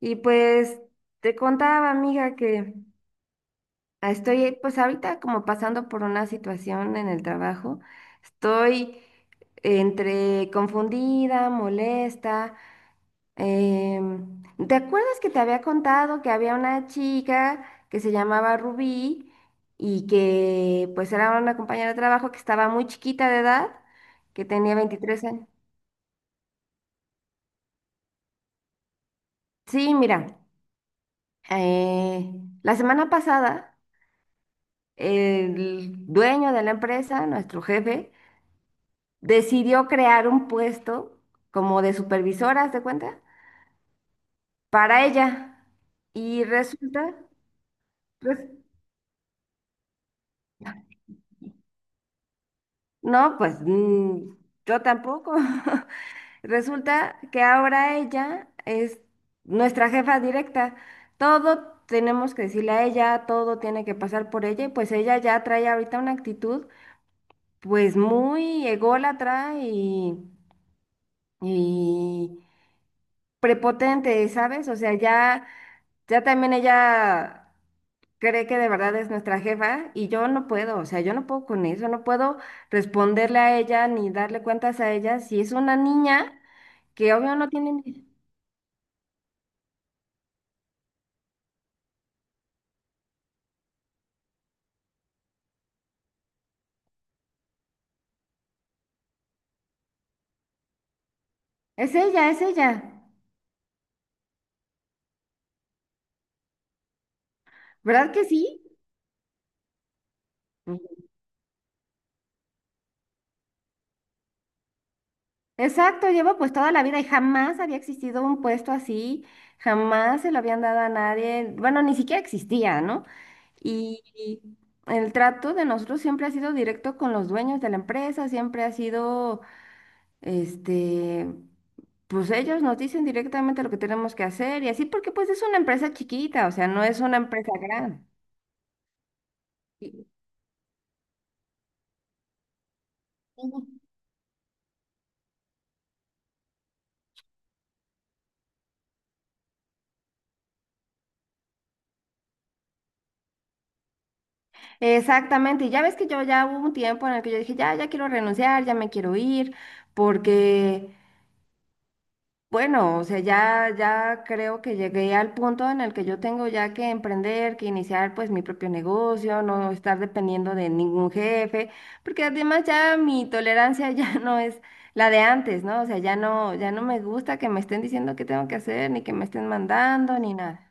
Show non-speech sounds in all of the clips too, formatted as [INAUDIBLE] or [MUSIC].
Y pues te contaba, amiga, que estoy pues ahorita como pasando por una situación en el trabajo. Estoy entre confundida, molesta. em, ¿Te acuerdas que te había contado que había una chica que se llamaba Rubí y que pues era una compañera de trabajo que estaba muy chiquita de edad, que tenía 23 años? Sí, mira, eh, la semana pasada. El dueño de la empresa, nuestro jefe, decidió crear un puesto como de supervisora, ¿haz de cuenta? Para ella. Y resulta, pues, no, pues yo tampoco. [LAUGHS] Resulta que ahora ella es nuestra jefa directa. Todo tenemos que decirle a ella, todo tiene que pasar por ella, y pues ella ya trae ahorita una actitud pues muy ególatra y prepotente, ¿sabes? O sea, ya, ya también ella cree que de verdad es nuestra jefa y yo no puedo, o sea, yo no puedo con eso, no puedo responderle a ella ni darle cuentas a ella si es una niña que obvio no tiene. Es ella, ¿verdad que sí? Exacto, llevo pues toda la vida y jamás había existido un puesto así, jamás se lo habían dado a nadie, bueno, ni siquiera existía, ¿no? Y el trato de nosotros siempre ha sido directo con los dueños de la empresa, siempre ha sido, este, pues ellos nos dicen directamente lo que tenemos que hacer y así, porque pues es una empresa chiquita, o sea, no es una empresa grande. Y- Ujú. Exactamente, y ya ves que yo ya hubo un tiempo en el que yo dije, ya, ya quiero renunciar, ya me quiero ir, porque bueno, o sea, ya, ya creo que llegué al punto en el que yo tengo ya que emprender, que iniciar pues mi propio negocio, no estar dependiendo de ningún jefe, porque además ya mi tolerancia ya [LAUGHS] no es la de antes, ¿no? O sea, ya no, ya no me gusta que me estén diciendo qué tengo que hacer, ni que me estén mandando, ni nada.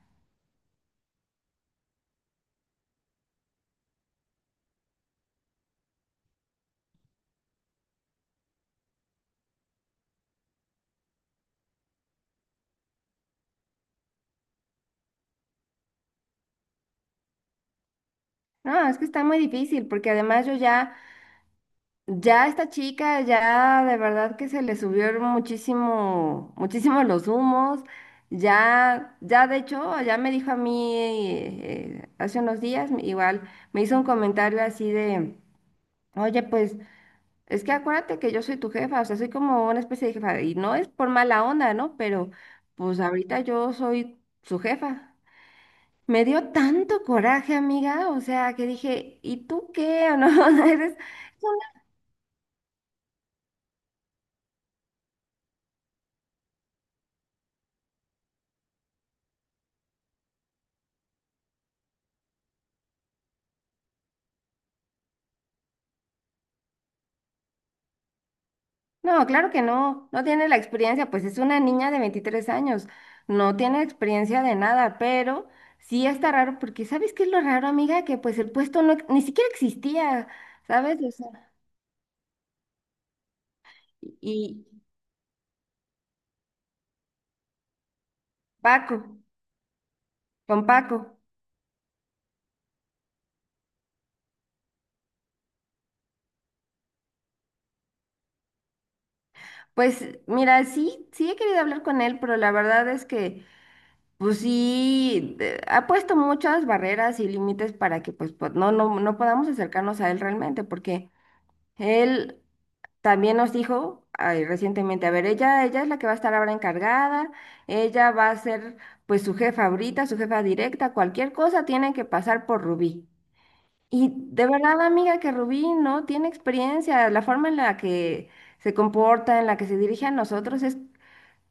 No, es que está muy difícil, porque además yo ya. Ya esta chica, ya de verdad que se le subieron muchísimo, muchísimo los humos. Ya, ya de hecho, ya me dijo a mí hace unos días, igual me hizo un comentario así de, oye, pues es que acuérdate que yo soy tu jefa, o sea, soy como una especie de jefa, y no es por mala onda, ¿no? Pero pues ahorita yo soy su jefa. Me dio tanto coraje, amiga, o sea, que dije, ¿y tú qué? [LAUGHS] ¿No? [LAUGHS] Eres no, claro que no, no tiene la experiencia, pues es una niña de 23 años, no tiene experiencia de nada, pero sí está raro, porque ¿sabes qué es lo raro, amiga? Que pues el puesto no, ni siquiera existía, ¿sabes? O sea, y Paco, con Paco, pues mira, sí, sí he querido hablar con él, pero la verdad es que, pues sí, ha puesto muchas barreras y límites para que pues, pues no, no, no podamos acercarnos a él realmente, porque él. También nos dijo ay, recientemente, a ver, ella es la que va a estar ahora encargada, ella va a ser pues su jefa ahorita, su jefa directa, cualquier cosa tiene que pasar por Rubí. Y de verdad, amiga, que Rubí no tiene experiencia, la forma en la que se comporta, en la que se dirige a nosotros es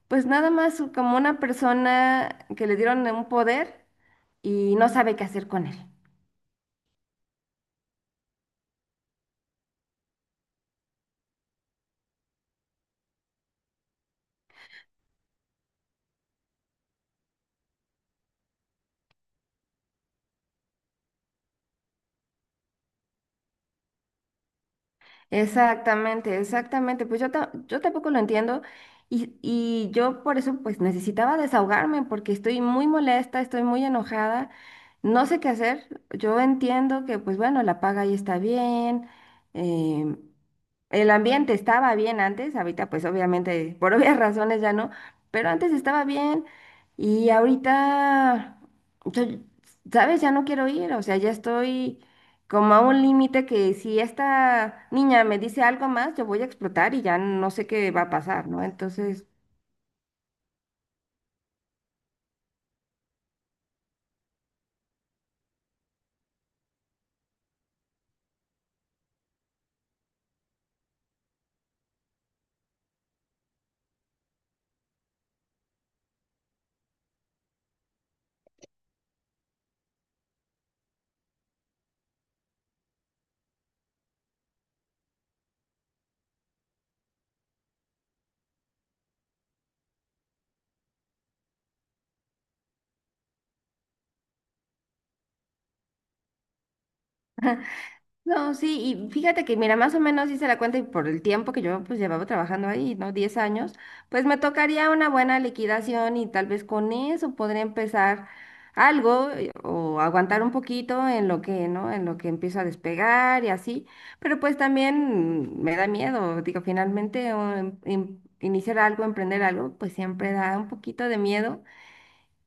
pues nada más como una persona que le dieron un poder y no sabe qué hacer con él. Exactamente, exactamente. Pues yo, yo tampoco lo entiendo y yo por eso pues necesitaba desahogarme porque estoy muy molesta, estoy muy enojada, no sé qué hacer. Yo entiendo que pues bueno, la paga ahí está bien, em, el ambiente estaba bien antes, ahorita pues obviamente por obvias [LAUGHS] razones ya no, pero antes estaba bien y ahorita, yo- ¿sabes? Ya no quiero ir, o sea, ya estoy como a un límite que si esta niña me dice algo más, yo voy a explotar y ya no sé qué va a pasar, ¿no? Entonces. No, sí, y fíjate que, mira, más o menos hice la cuenta y por el tiempo que yo pues llevaba trabajando ahí, ¿no? 10 años, pues me tocaría una buena liquidación y tal vez con eso podría empezar algo o aguantar un poquito en lo que, ¿no? En lo que empiezo a despegar y así, pero pues también me da miedo, digo, finalmente iniciar algo, emprender algo, pues siempre da un poquito de miedo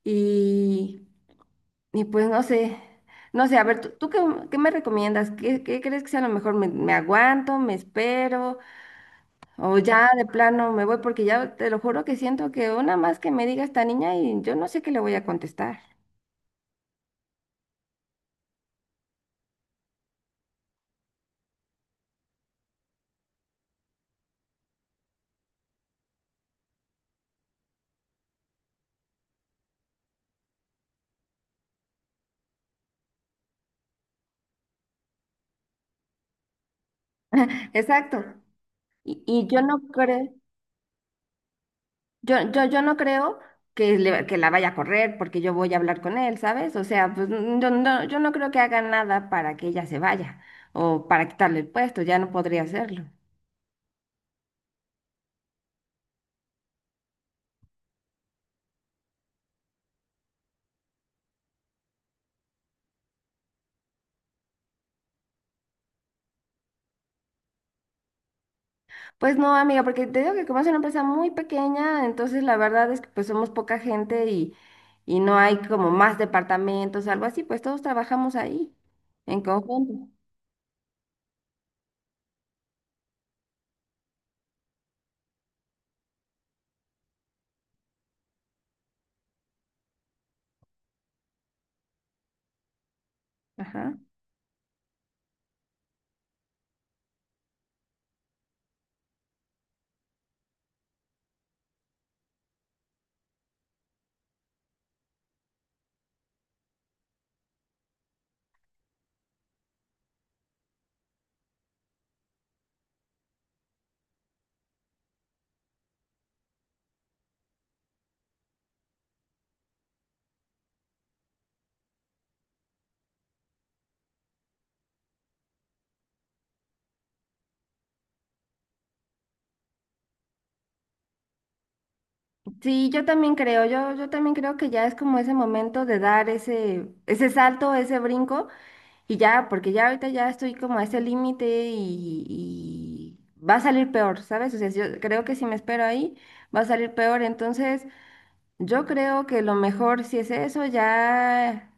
y. Y pues no sé, no sé, a ver, ¿tú, tú qué, qué me recomiendas? ¿Qué, qué crees que sea lo mejor? ¿Me, me aguanto, me espero o ya de plano me voy? Porque ya te lo juro que siento que una más que me diga esta niña y yo no sé qué le voy a contestar. Exacto. Y yo no creo, yo no creo que, que la vaya a correr porque yo voy a hablar con él, ¿sabes? O sea, pues yo no, yo no creo que haga nada para que ella se vaya o para quitarle el puesto, ya no podría hacerlo. Pues no, amiga, porque te digo que como es una empresa muy pequeña, entonces la verdad es que pues somos poca gente y no hay como más departamentos, algo así, pues todos trabajamos ahí en conjunto. Ajá. Sí, yo también creo, yo también creo que ya es como ese momento de dar ese, ese salto, ese brinco, y ya, porque ya ahorita ya estoy como a ese límite y va a salir peor, ¿sabes? O sea, yo creo que si me espero ahí, va a salir peor, entonces. Yo creo que lo mejor, si es eso, ya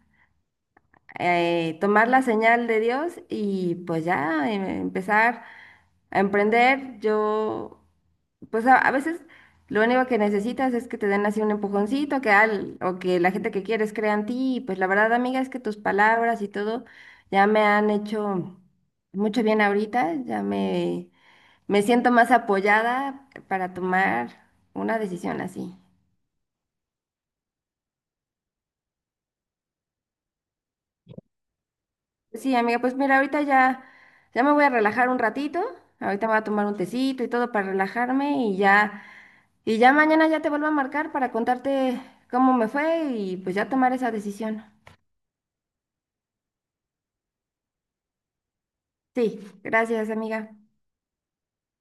tomar la señal de Dios y pues ya empezar a emprender. Yo, pues a veces lo único que necesitas es que te den así un empujoncito, que al, o que la gente que quieres crea en ti. Y pues la verdad, amiga, es que tus palabras y todo ya me han hecho mucho bien ahorita. Ya me siento más apoyada para tomar una decisión así. Sí, amiga, pues mira, ahorita ya, ya me voy a relajar un ratito. Ahorita me voy a tomar un tecito y todo para relajarme y ya mañana ya te vuelvo a marcar para contarte cómo me fue y pues ya tomar esa decisión. Sí, gracias, amiga.